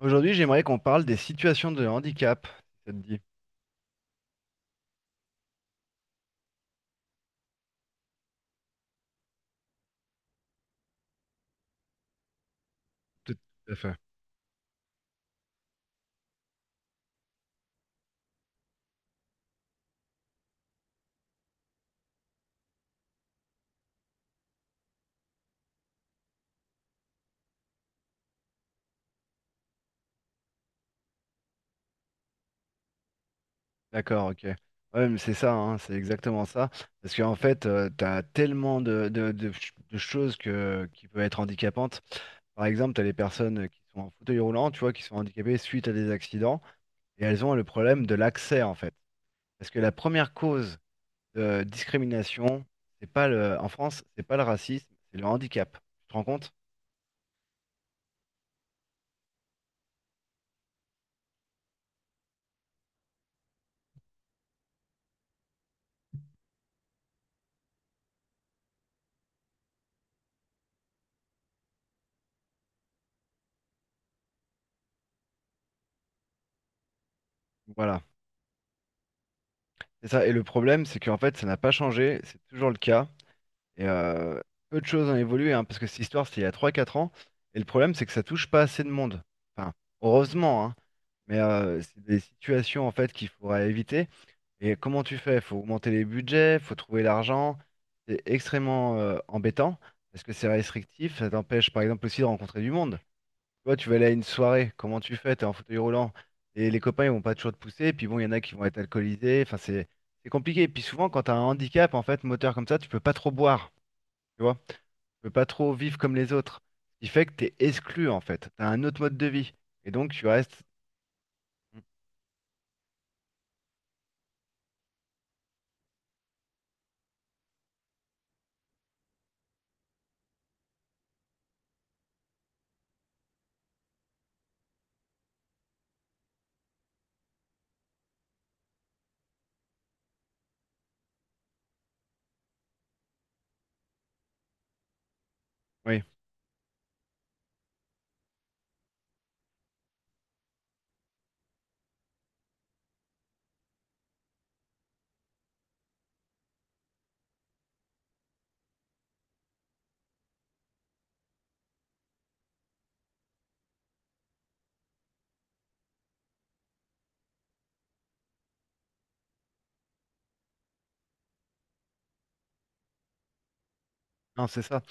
Aujourd'hui, j'aimerais qu'on parle des situations de handicap, si ça te dit. Tout tout à fait. D'accord, ok. Ouais, mais c'est ça, hein, c'est exactement ça. Parce qu'en fait, tu as tellement de choses que, qui peuvent être handicapantes. Par exemple, tu as les personnes qui sont en fauteuil roulant, tu vois, qui sont handicapées suite à des accidents, et elles ont le problème de l'accès, en fait. Parce que la première cause de discrimination, c'est pas le, en France, c'est pas le racisme, c'est le handicap. Tu te rends compte? Voilà. C'est ça, et le problème, c'est qu'en fait, ça n'a pas changé, c'est toujours le cas. Et peu de choses ont évolué, hein, parce que cette histoire, c'était il y a trois quatre ans. Et le problème, c'est que ça touche pas assez de monde. Enfin, heureusement, hein, mais c'est des situations en fait qu'il faudra éviter. Et comment tu fais? Faut augmenter les budgets, faut trouver l'argent. C'est extrêmement embêtant, parce que c'est restrictif, ça t'empêche par exemple aussi de rencontrer du monde. Tu vois, tu vas aller à une soirée, comment tu fais? T'es en fauteuil roulant. Et les copains, ils vont pas toujours te pousser. Et puis bon, il y en a qui vont être alcoolisés. Enfin, c'est compliqué. Et puis souvent, quand t'as un handicap, en fait, moteur comme ça, tu peux pas trop boire. Tu vois? Tu peux pas trop vivre comme les autres. Ce qui fait que t'es exclu, en fait. T'as un autre mode de vie. Et donc, tu restes. Oui, non, c'est ça.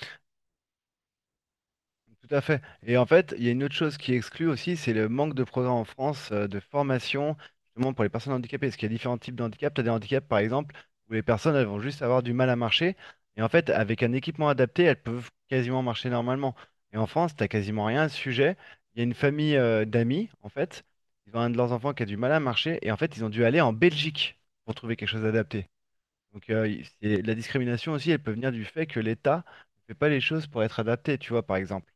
Tout à fait. Et en fait, il y a une autre chose qui exclut aussi, c'est le manque de programmes en France de formation, justement pour les personnes handicapées. Parce qu'il y a différents types de handicaps. Tu as des handicaps, par exemple, où les personnes elles vont juste avoir du mal à marcher. Et en fait, avec un équipement adapté, elles peuvent quasiment marcher normalement. Et en France, tu quasiment rien à ce sujet. Il y a une famille d'amis, en fait. Ils ont un de leurs enfants qui a du mal à marcher. Et en fait, ils ont dû aller en Belgique pour trouver quelque chose d'adapté. Donc, la discrimination aussi, elle peut venir du fait que l'État ne fait pas les choses pour être adapté, tu vois, par exemple.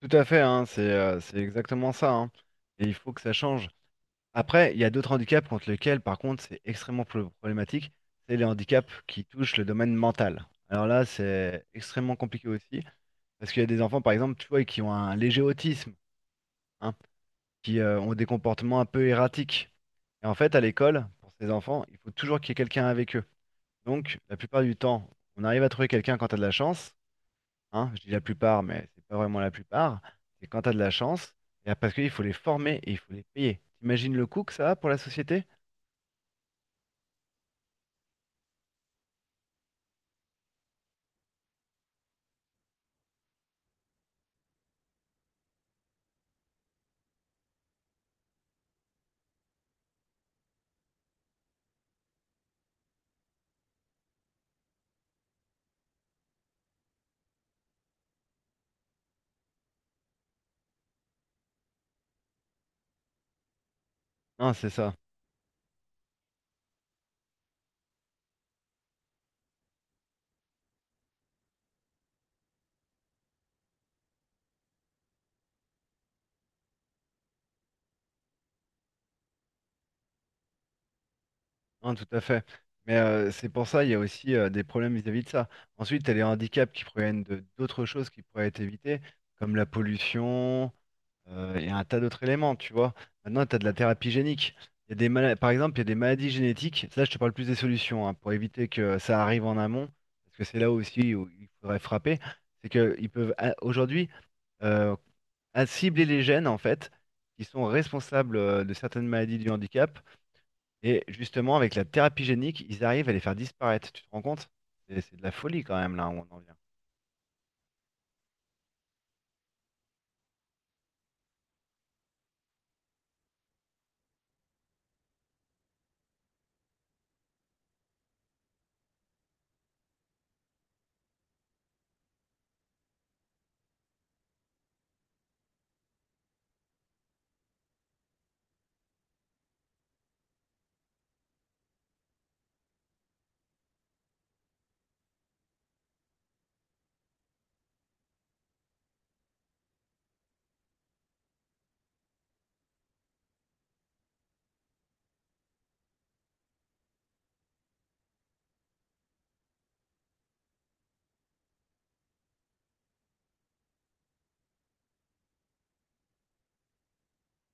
Tout à fait, hein, c'est exactement ça, hein. Et il faut que ça change. Après, il y a d'autres handicaps contre lesquels, par contre, c'est extrêmement problématique. C'est les handicaps qui touchent le domaine mental. Alors là, c'est extrêmement compliqué aussi. Parce qu'il y a des enfants, par exemple, tu vois, qui ont un léger autisme, hein, qui ont des comportements un peu erratiques. Et en fait, à l'école, pour ces enfants, il faut toujours qu'il y ait quelqu'un avec eux. Donc, la plupart du temps, on arrive à trouver quelqu'un quand tu as de la chance, hein, je dis la plupart, mais c'est pas vraiment la plupart, c'est quand tu as de la chance, et parce qu'il faut les former et il faut les payer. T'imagines le coût que ça a pour la société? Non, c'est ça. Non, tout à fait. Mais c'est pour ça, il y a aussi des problèmes vis-à-vis de ça. Ensuite, tu as les handicaps qui proviennent de d'autres choses qui pourraient être évitées, comme la pollution. Il y a un tas d'autres éléments, tu vois. Maintenant, tu as de la thérapie génique. Il y a des Par exemple, il y a des maladies génétiques. Là, je te parle plus des solutions, hein, pour éviter que ça arrive en amont, parce que c'est là aussi où il faudrait frapper. C'est qu'ils peuvent aujourd'hui euh, à cibler les gènes, en fait, qui sont responsables de certaines maladies du handicap. Et justement, avec la thérapie génique, ils arrivent à les faire disparaître. Tu te rends compte? C'est de la folie quand même, là, où on en vient.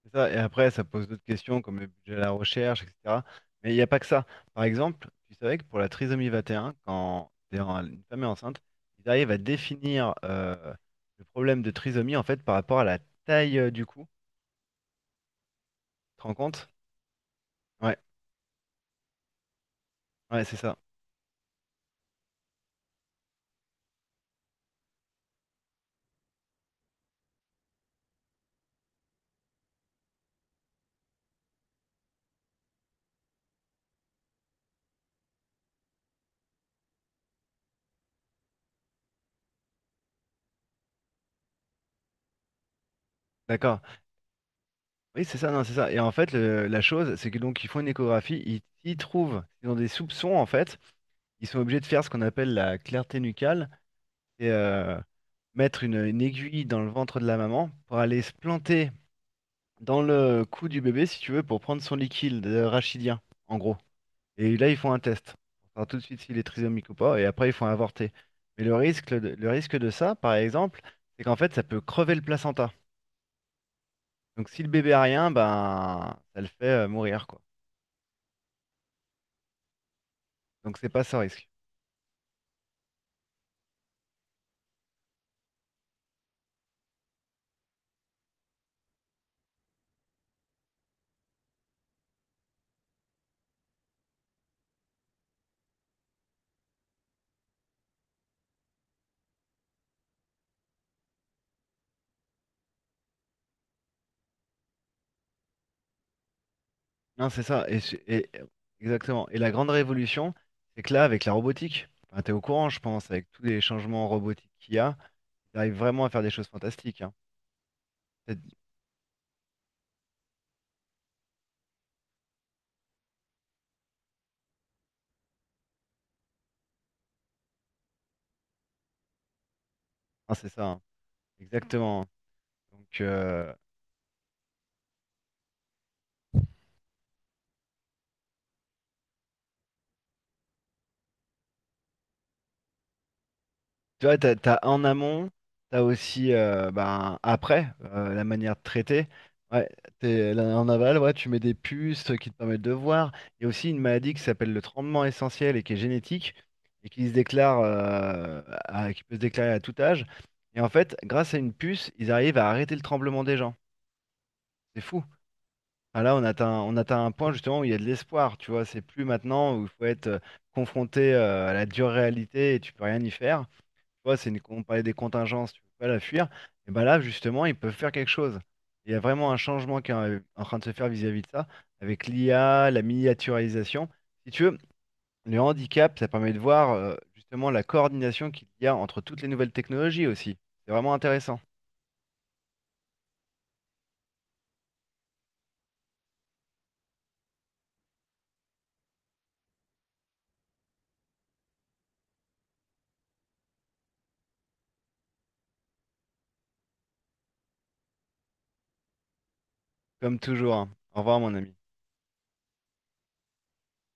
C'est ça. Et après, ça pose d'autres questions comme le budget à la recherche, etc. Mais il n'y a pas que ça. Par exemple, tu savais que pour la trisomie 21, quand une femme est enceinte, ils arrivent à définir le problème de trisomie en fait par rapport à la taille du cou. Tu te rends compte? Ouais, ouais, c'est ça. D'accord. Oui, c'est ça, non, c'est ça. Et en fait, la chose, c'est que donc ils font une échographie, ils trouvent, ils ont des soupçons en fait, ils sont obligés de faire ce qu'on appelle la clarté nucale. Et, mettre une aiguille dans le ventre de la maman pour aller se planter dans le cou du bébé, si tu veux, pour prendre son liquide rachidien, en gros. Et là, ils font un test pour savoir tout de suite s'il est trisomique ou pas, et après, ils font avorter. Mais le risque, le risque de ça, par exemple, c'est qu'en fait, ça peut crever le placenta. Donc, si le bébé a rien, ben, ça le fait mourir, quoi. Donc, c'est pas ça, risque. Non, c'est ça. Et, exactement. Et la grande révolution, c'est que là, avec la robotique, enfin, t'es au courant, je pense, avec tous les changements robotiques qu'il y a, ils arrivent vraiment à faire des choses fantastiques, hein. C'est, non, c'est ça, hein. Exactement. Donc, tu vois, t'as en amont, t'as aussi ben, après la manière de traiter. Ouais, là, en aval, ouais, tu mets des puces qui te permettent de voir. Il y a aussi une maladie qui s'appelle le tremblement essentiel et qui est génétique et qui se déclare, qui peut se déclarer à tout âge. Et en fait, grâce à une puce, ils arrivent à arrêter le tremblement des gens. C'est fou. Enfin, là, on atteint un point justement où il y a de l'espoir. Tu vois, c'est plus maintenant où il faut être confronté à la dure réalité et tu peux rien y faire. Tu vois, on parlait des contingences, tu peux pas la fuir. Et ben là, justement, ils peuvent faire quelque chose. Il y a vraiment un changement qui est en train de se faire vis-à-vis de ça, avec l'IA, la miniaturisation. Si tu veux, le handicap, ça permet de voir justement la coordination qu'il y a entre toutes les nouvelles technologies aussi. C'est vraiment intéressant, comme toujours, hein. Au revoir, mon ami.